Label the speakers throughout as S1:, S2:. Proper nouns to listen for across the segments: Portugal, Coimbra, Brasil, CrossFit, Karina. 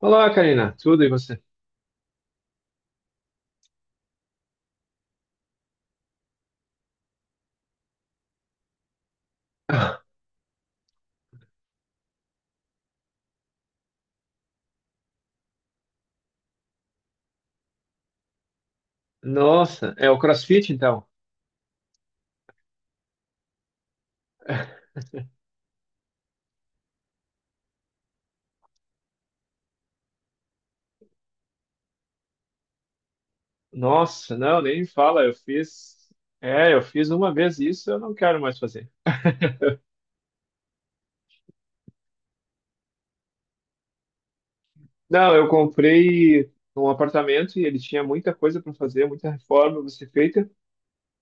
S1: Olá, Karina. Tudo e você? Nossa, é o CrossFit então? Nossa, não, nem me fala. Eu fiz uma vez isso, eu não quero mais fazer. Não, eu comprei um apartamento e ele tinha muita coisa para fazer, muita reforma para ser feita.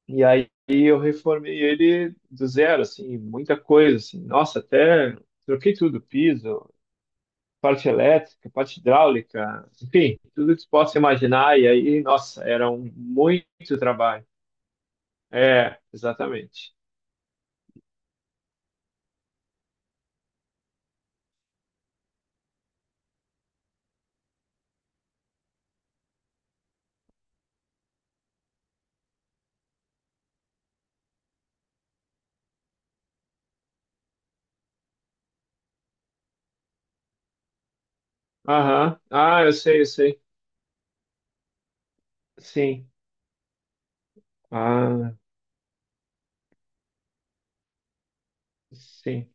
S1: E aí eu reformei ele do zero, assim, muita coisa, assim. Nossa, até troquei tudo, piso, parte elétrica, parte hidráulica, enfim, tudo que você possa imaginar. E aí, nossa, era um muito trabalho. É, exatamente. Aham. Ah, eu sei. Sim. Ah, sim.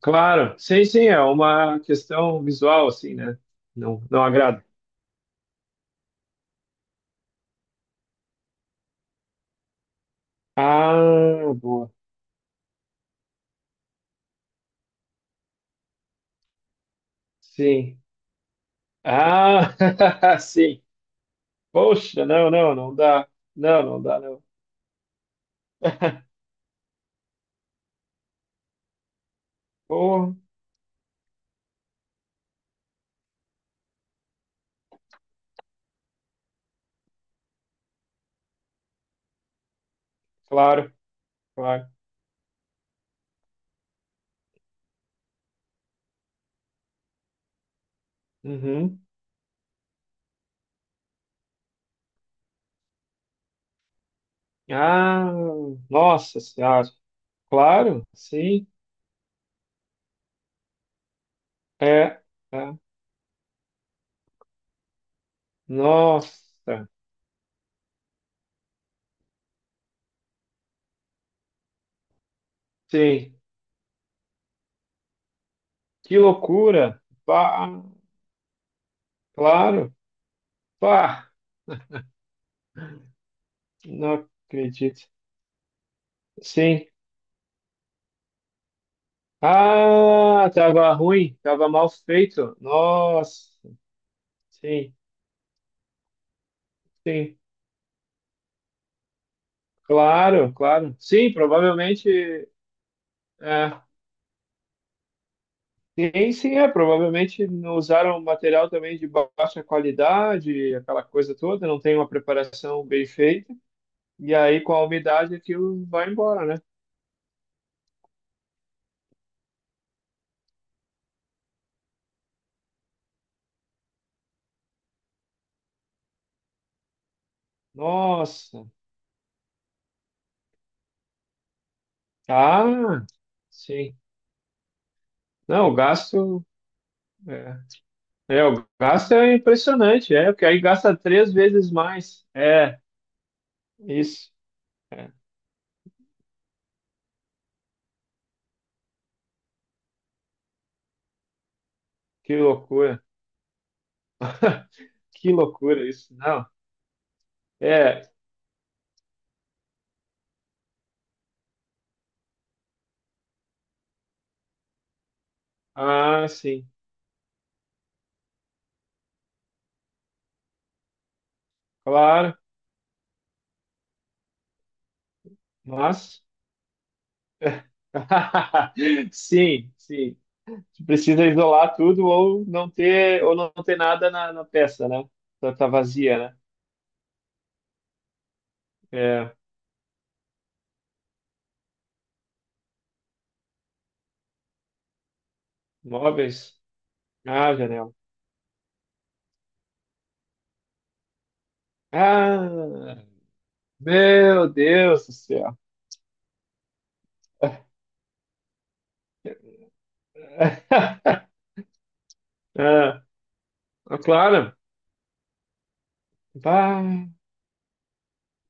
S1: Claro. Sim, é uma questão visual, assim, né? Não, não agrada. Ah, boa. Sim. Ah, sim. Poxa, não dá. Não dá, não. Porra, claro, claro. Uhum. Ah, nossa senhora. Claro, sim. É, é. Nossa. Sim. Que loucura! Pá, claro. Pá, não acredito. Sim. Ah, tava mal feito. Nossa. Sim, sim. Claro. Sim, provavelmente. É. Sim, é. Provavelmente não usaram material também de baixa qualidade, aquela coisa toda, não tem uma preparação bem feita. E aí, com a umidade, aquilo vai embora, né? Nossa. Ah, sim. Não, o gasto. É. É, o gasto é impressionante, é, porque aí gasta 3 vezes mais. É, isso. É. Que loucura. Que loucura isso. Não. É, ah, sim, claro, mas. Sim. Você precisa isolar tudo ou não ter nada na peça, né? Tá vazia, né? É, móveis. Ah, janela. Ah, meu Deus do céu. É, é claro. Bah,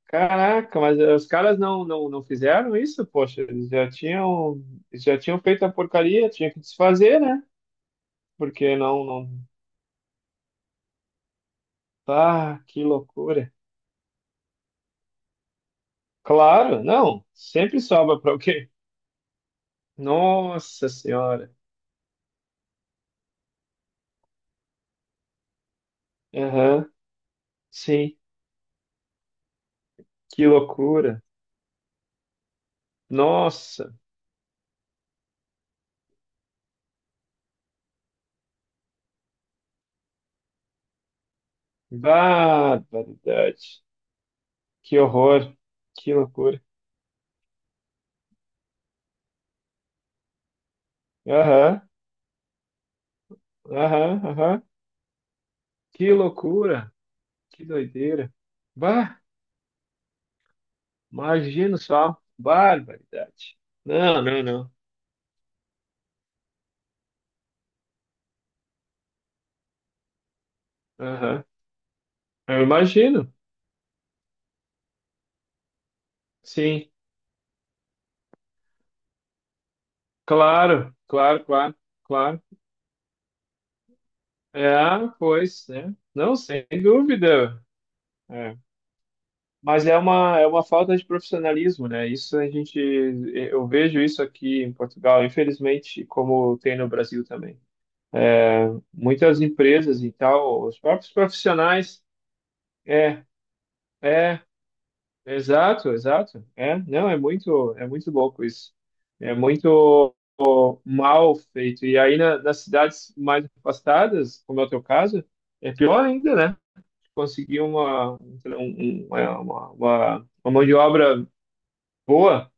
S1: caraca, mas os caras não fizeram isso, poxa, eles já tinham feito a porcaria, tinha que desfazer, né? Porque não. Ah, que loucura. Claro, não, sempre sobra para alguém. Nossa Senhora. Aham, sim, que loucura. Nossa, barbaridade. Que horror, que loucura. Aham, aham, que loucura. Que doideira. Bah, imagino só. Barbaridade. Não. Aham. Eu imagino. Sim. Claro, claro, claro, claro. É, pois, né? Não, sem dúvida. É. Mas é uma falta de profissionalismo, né? Isso a gente, é, eu vejo isso aqui em Portugal, infelizmente, como tem no Brasil também. Muitas empresas e tal, os próprios profissionais, é, é, exato. É, não, é muito louco isso. É muito mal feito. E aí nas cidades mais afastadas, como é o teu caso, é pior ainda, né? Conseguir é, uma mão de obra boa,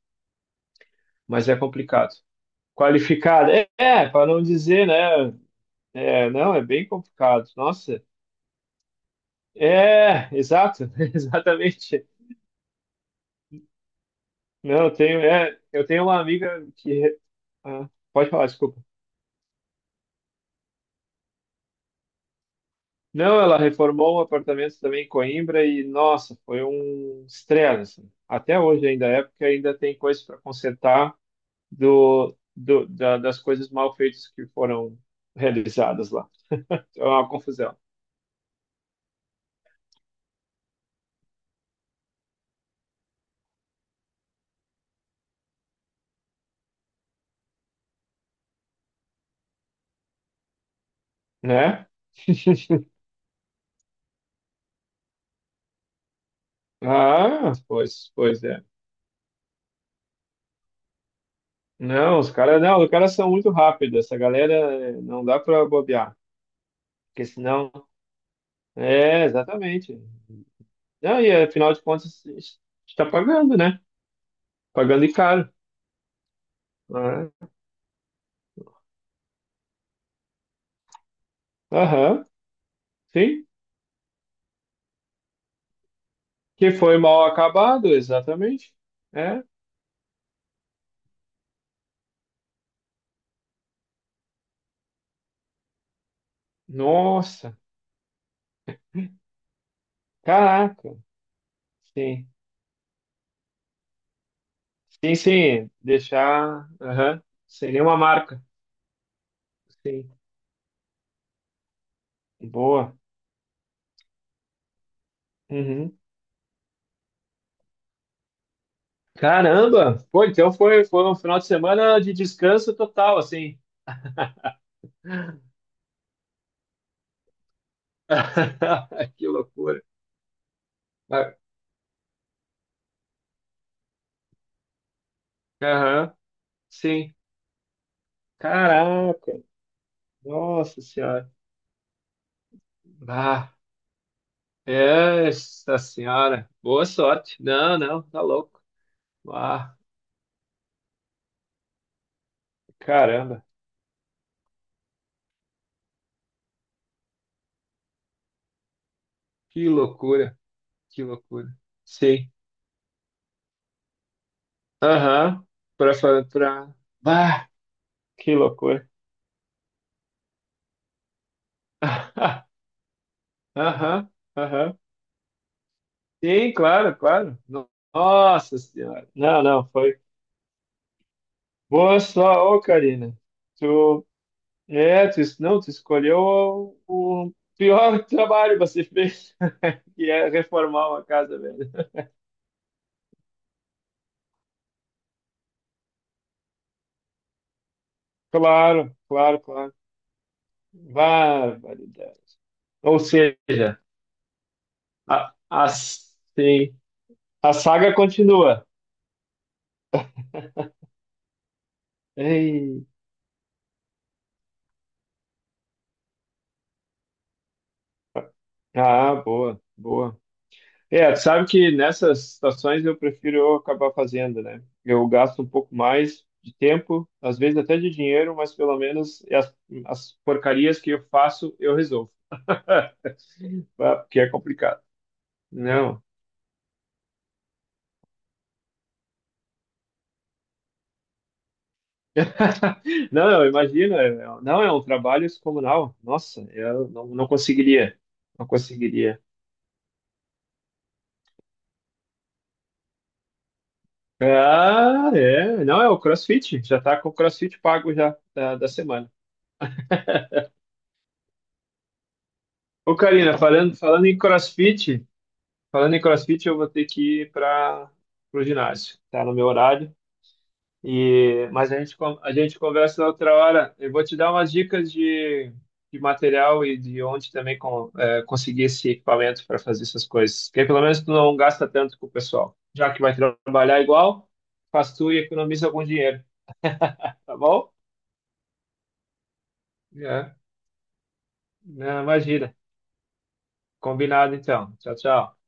S1: mas é complicado. Qualificada, é para não dizer, né? É, não, é bem complicado. Nossa, é, exato, exatamente. Não, eu tenho uma amiga que ah, pode falar, desculpa. Não, ela reformou um apartamento também em Coimbra e, nossa, foi um estresse. Assim. Até hoje ainda é, porque ainda tem coisas para consertar das coisas mal feitas que foram realizadas lá. É uma confusão, né? Ah, pois é. Não, os caras são muito rápidos. Essa galera não dá para bobear, porque senão é exatamente. Não, e afinal de contas está pagando, né? Pagando e caro. Né? Aham, sim. Que foi mal acabado, exatamente. É. Nossa, caraca. Sim. Sim, sim. Deixar, aham, sem nenhuma marca. Sim. Boa. Uhum. Caramba! Pô, então foi um final de semana de descanso total, assim. Que loucura. Mas- Aham, sim. Caraca, nossa senhora. Ah, essa senhora. Boa sorte. Não, tá louco. Ah, caramba, que loucura, que loucura. Sim. Aham. Pra fazer pra. Ah, que loucura. Aham, aham. Claro. No- Nossa Senhora. Não, foi. Boa só, ô Karina. Tu, é, tu, não, tu escolheu o pior trabalho que você fez, que é reformar uma casa velha. Claro. Barbaridade. Ou seja, a, sim. A saga continua. Ei, ah, boa. É, tu sabe que nessas situações eu prefiro eu acabar fazendo, né? Eu gasto um pouco mais de tempo, às vezes até de dinheiro, mas pelo menos as, as porcarias que eu faço eu resolvo, tá? Porque é complicado. Não, não, imagina, é- não, é um trabalho descomunal. Nossa, eu não, não conseguiria, não conseguiria. Ah, é. Não, é o CrossFit. Já tá com o CrossFit pago já da semana. Ô, Karina, falando em CrossFit, eu vou ter que ir para o ginásio. Tá no meu horário. E, mas a gente conversa na outra hora. Eu vou te dar umas dicas de material e de onde também é, conseguir esse equipamento para fazer essas coisas. Porque pelo menos tu não gasta tanto com o pessoal. Já que vai trabalhar igual, faz tu e economiza algum dinheiro, tá bom? É, não, imagina. Combinado então. Tchau, tchau.